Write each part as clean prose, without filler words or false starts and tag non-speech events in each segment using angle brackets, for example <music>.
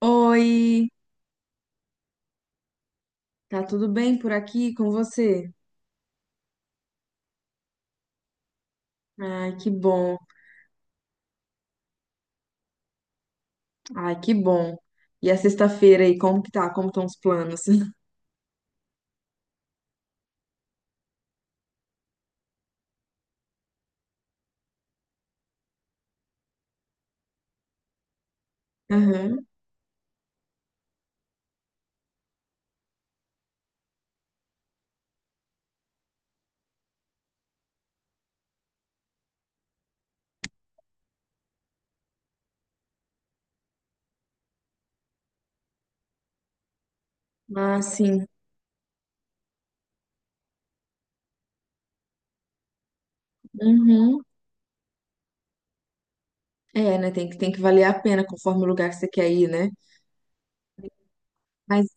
Oi, tá tudo bem por aqui com você? Ai, que bom. Ai, que bom. E a sexta-feira aí, como que tá? Como estão os planos? <laughs> Aham. Ah, sim. Uhum. É, né? Tem que valer a pena conforme o lugar que você quer ir, né? Mas,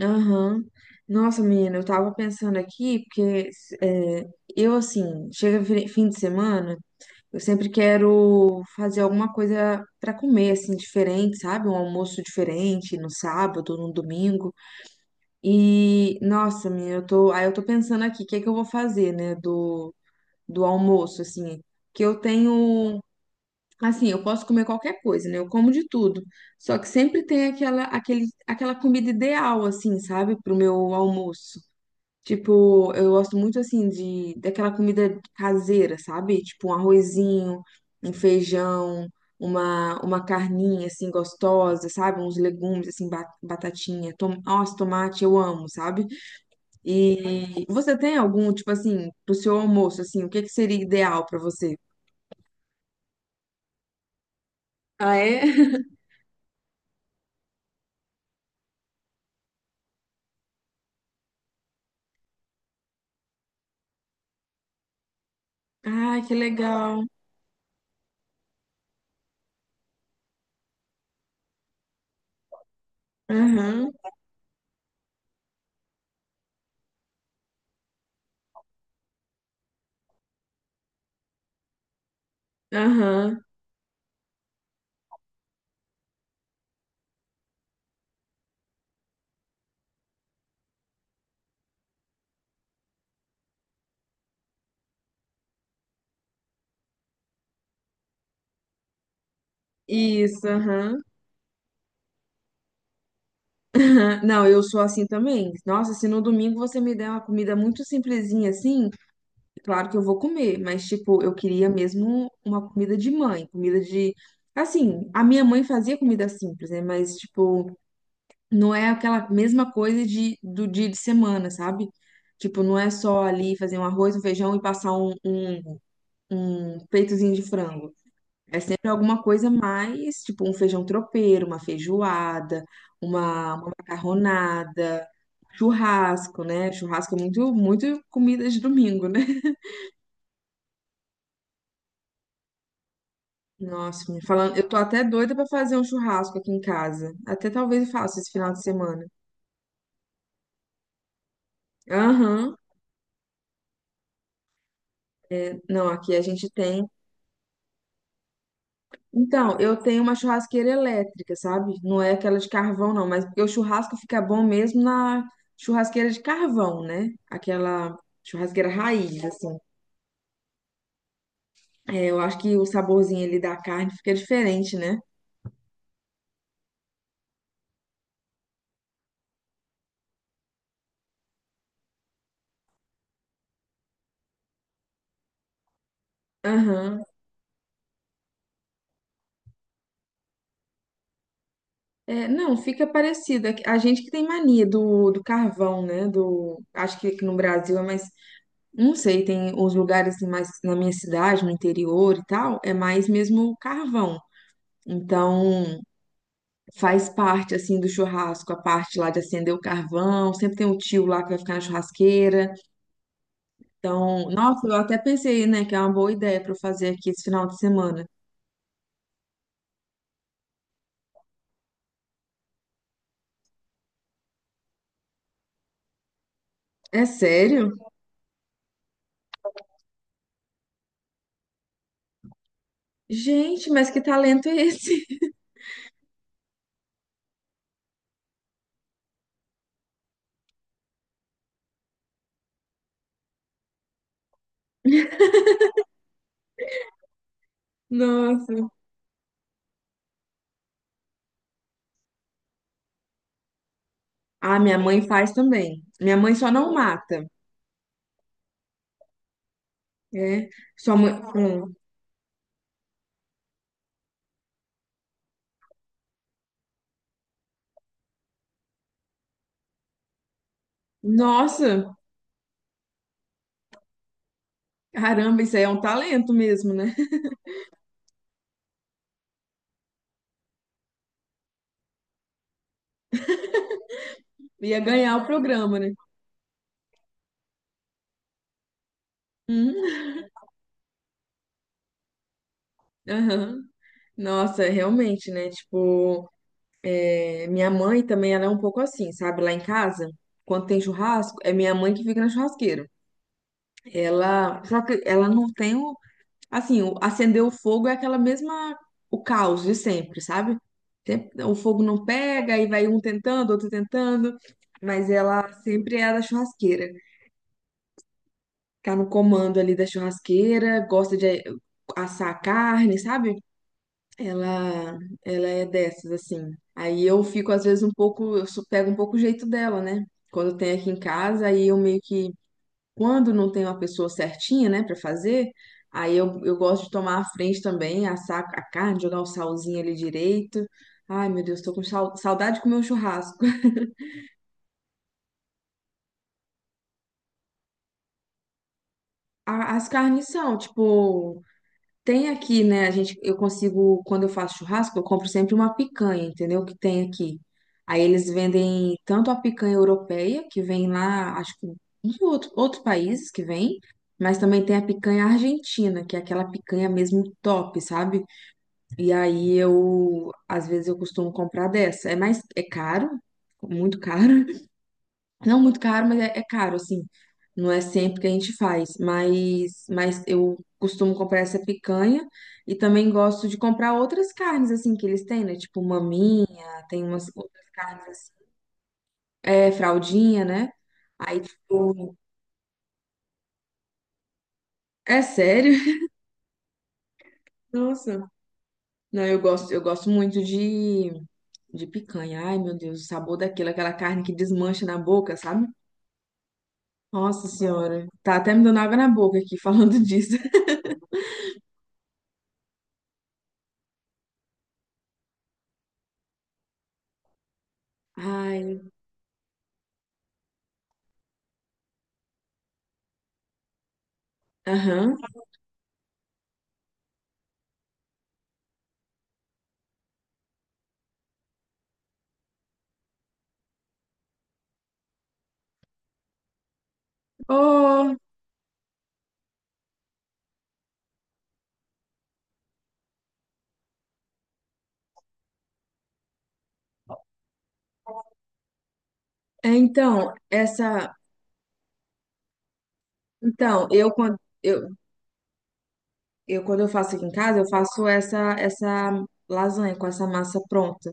aham. Nossa, menina, eu tava pensando aqui, porque é, eu, assim, chega fim de semana, eu sempre quero fazer alguma coisa pra comer, assim, diferente, sabe? Um almoço diferente no sábado, no domingo. E, nossa, minha, eu tô, aí eu tô pensando aqui, o que é que eu vou fazer, né, do almoço, assim, que eu tenho, assim, eu posso comer qualquer coisa, né, eu como de tudo, só que sempre tem aquela comida ideal, assim, sabe, pro meu almoço. Tipo, eu gosto muito, assim, daquela comida caseira, sabe, tipo um arrozinho, um feijão, uma carninha, assim, gostosa, sabe, uns legumes, assim, batatinha, tomate, eu amo, sabe? E você tem algum, tipo assim, pro seu almoço, assim, o que que seria ideal pra você? Ah, é? <laughs> Ah, que legal. Aham, aham. Isso, aham. Aham. Não, eu sou assim também. Nossa, se no domingo você me der uma comida muito simplesinha assim, claro que eu vou comer, mas tipo, eu queria mesmo uma comida de mãe, comida de. Assim, a minha mãe fazia comida simples, né? Mas, tipo, não é aquela mesma coisa do dia de semana, sabe? Tipo, não é só ali fazer um arroz, um feijão e passar um peitozinho de frango. É sempre alguma coisa mais, tipo, um feijão tropeiro, uma feijoada, uma macarronada, churrasco, né? Churrasco é muito, muito comida de domingo, né? Nossa, me falando, eu tô até doida pra fazer um churrasco aqui em casa. Até talvez eu faça esse final de semana. Aham. Não, aqui a gente tem. Então, eu tenho uma churrasqueira elétrica, sabe? Não é aquela de carvão, não, mas porque o churrasco fica bom mesmo na churrasqueira de carvão, né? Aquela churrasqueira raiz, assim. É, eu acho que o saborzinho ali da carne fica diferente, né? Aham. É, não, fica parecido. É que a gente que tem mania do carvão, né? Do, acho que aqui no Brasil é mais. Não sei, tem os lugares assim, mais na minha cidade, no interior e tal, é mais mesmo carvão. Então, faz parte assim do churrasco, a parte lá de acender o carvão, sempre tem um tio lá que vai ficar na churrasqueira. Então, nossa, eu até pensei, né, que é uma boa ideia para eu fazer aqui esse final de semana. É sério? Gente, mas que talento é esse? <laughs> Nossa. Ah, minha mãe faz também. Minha mãe só não mata, é. Sua mãe. Hum. Nossa, caramba, isso aí é um talento mesmo, né? <laughs> Ia ganhar o programa, né? Hum, aham. Nossa, realmente, né? Tipo, é, minha mãe também, ela é um pouco assim, sabe? Lá em casa, quando tem churrasco, é minha mãe que fica na churrasqueira. Ela, só que ela não tem o, assim, o, acender o fogo é aquela mesma, o caos de sempre, sabe? Sempre- o fogo não pega, aí vai um tentando, outro tentando, mas ela sempre é a da churrasqueira. Tá no comando ali da churrasqueira, gosta de assar carne, sabe? Ela, ela é dessas, assim. Aí eu fico, às vezes, um pouco, eu pego um pouco o jeito dela, né? Quando tem aqui em casa, aí eu meio que, quando não tem uma pessoa certinha, né, pra fazer, eu gosto de tomar a frente também, assar a carne, jogar o salzinho ali direito. Ai, meu Deus, tô com saudade de comer um churrasco. <laughs> As carnes são, tipo, tem aqui, né? A gente, eu consigo, quando eu faço churrasco, eu compro sempre uma picanha, entendeu? Que tem aqui. Aí eles vendem tanto a picanha europeia, que vem lá, acho que de outros países que vem, mas também tem a picanha argentina, que é aquela picanha mesmo top, sabe? E aí eu, às vezes eu costumo comprar dessa. É mais, é caro, muito caro, não muito caro, mas é caro, assim. Não é sempre que a gente faz, mas eu costumo comprar essa picanha e também gosto de comprar outras carnes, assim, que eles têm, né? Tipo maminha, tem umas outras carnes assim. É, fraldinha, né? Aí, tipo, é sério? <laughs> Nossa. Não, eu gosto muito de picanha. Ai, meu Deus, o sabor daquilo, aquela carne que desmancha na boca, sabe? Nossa Senhora. Tá até me dando água na boca aqui falando disso. <laughs> Ai, aham. Ô, É, então, essa, então, eu quando eu faço aqui em casa, eu faço essa lasanha com essa massa pronta.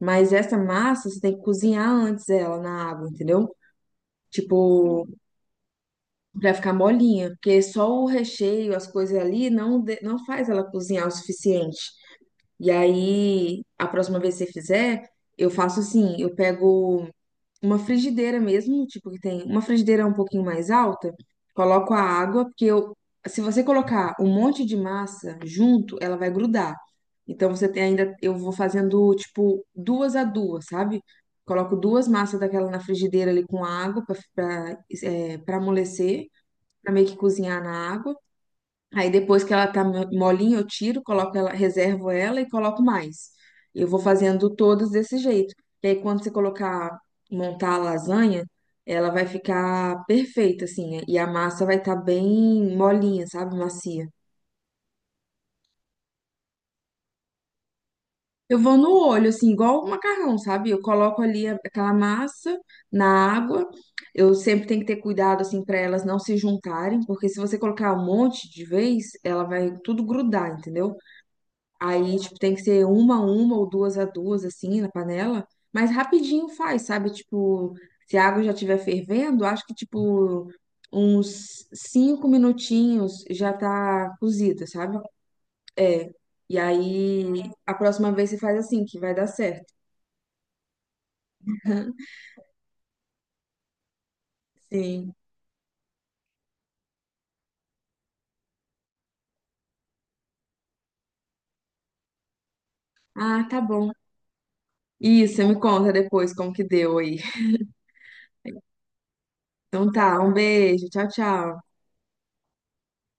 Mas essa massa você tem que cozinhar antes ela na água, entendeu? Tipo, pra ficar molinha, porque só o recheio, as coisas ali não não faz ela cozinhar o suficiente. E aí, a próxima vez que você fizer, eu faço assim, eu pego uma frigideira mesmo, tipo que tem uma frigideira um pouquinho mais alta, coloco a água, porque eu, se você colocar um monte de massa junto, ela vai grudar. Então você tem ainda, eu vou fazendo tipo duas a duas, sabe? Coloco duas massas daquela na frigideira ali com água para para amolecer, para meio que cozinhar na água. Aí depois que ela tá molinha, eu tiro, coloco ela, reservo ela e coloco mais. Eu vou fazendo todas desse jeito. E aí quando você colocar, montar a lasanha, ela vai ficar perfeita, assim, né? E a massa vai estar bem molinha, sabe? Macia. Eu vou no olho, assim, igual o macarrão, sabe? Eu coloco ali aquela massa na água. Eu sempre tenho que ter cuidado, assim, para elas não se juntarem, porque se você colocar um monte de vez, ela vai tudo grudar, entendeu? Aí, tipo, tem que ser uma a uma ou duas a duas, assim, na panela. Mas rapidinho faz, sabe? Tipo, se a água já estiver fervendo, acho que, tipo, uns cinco minutinhos já tá cozida, sabe? É. E aí, a próxima vez você faz assim, que vai dar certo. Sim. Ah, tá bom. Isso, você me conta depois como que deu aí. Então tá, um beijo. Tchau, tchau.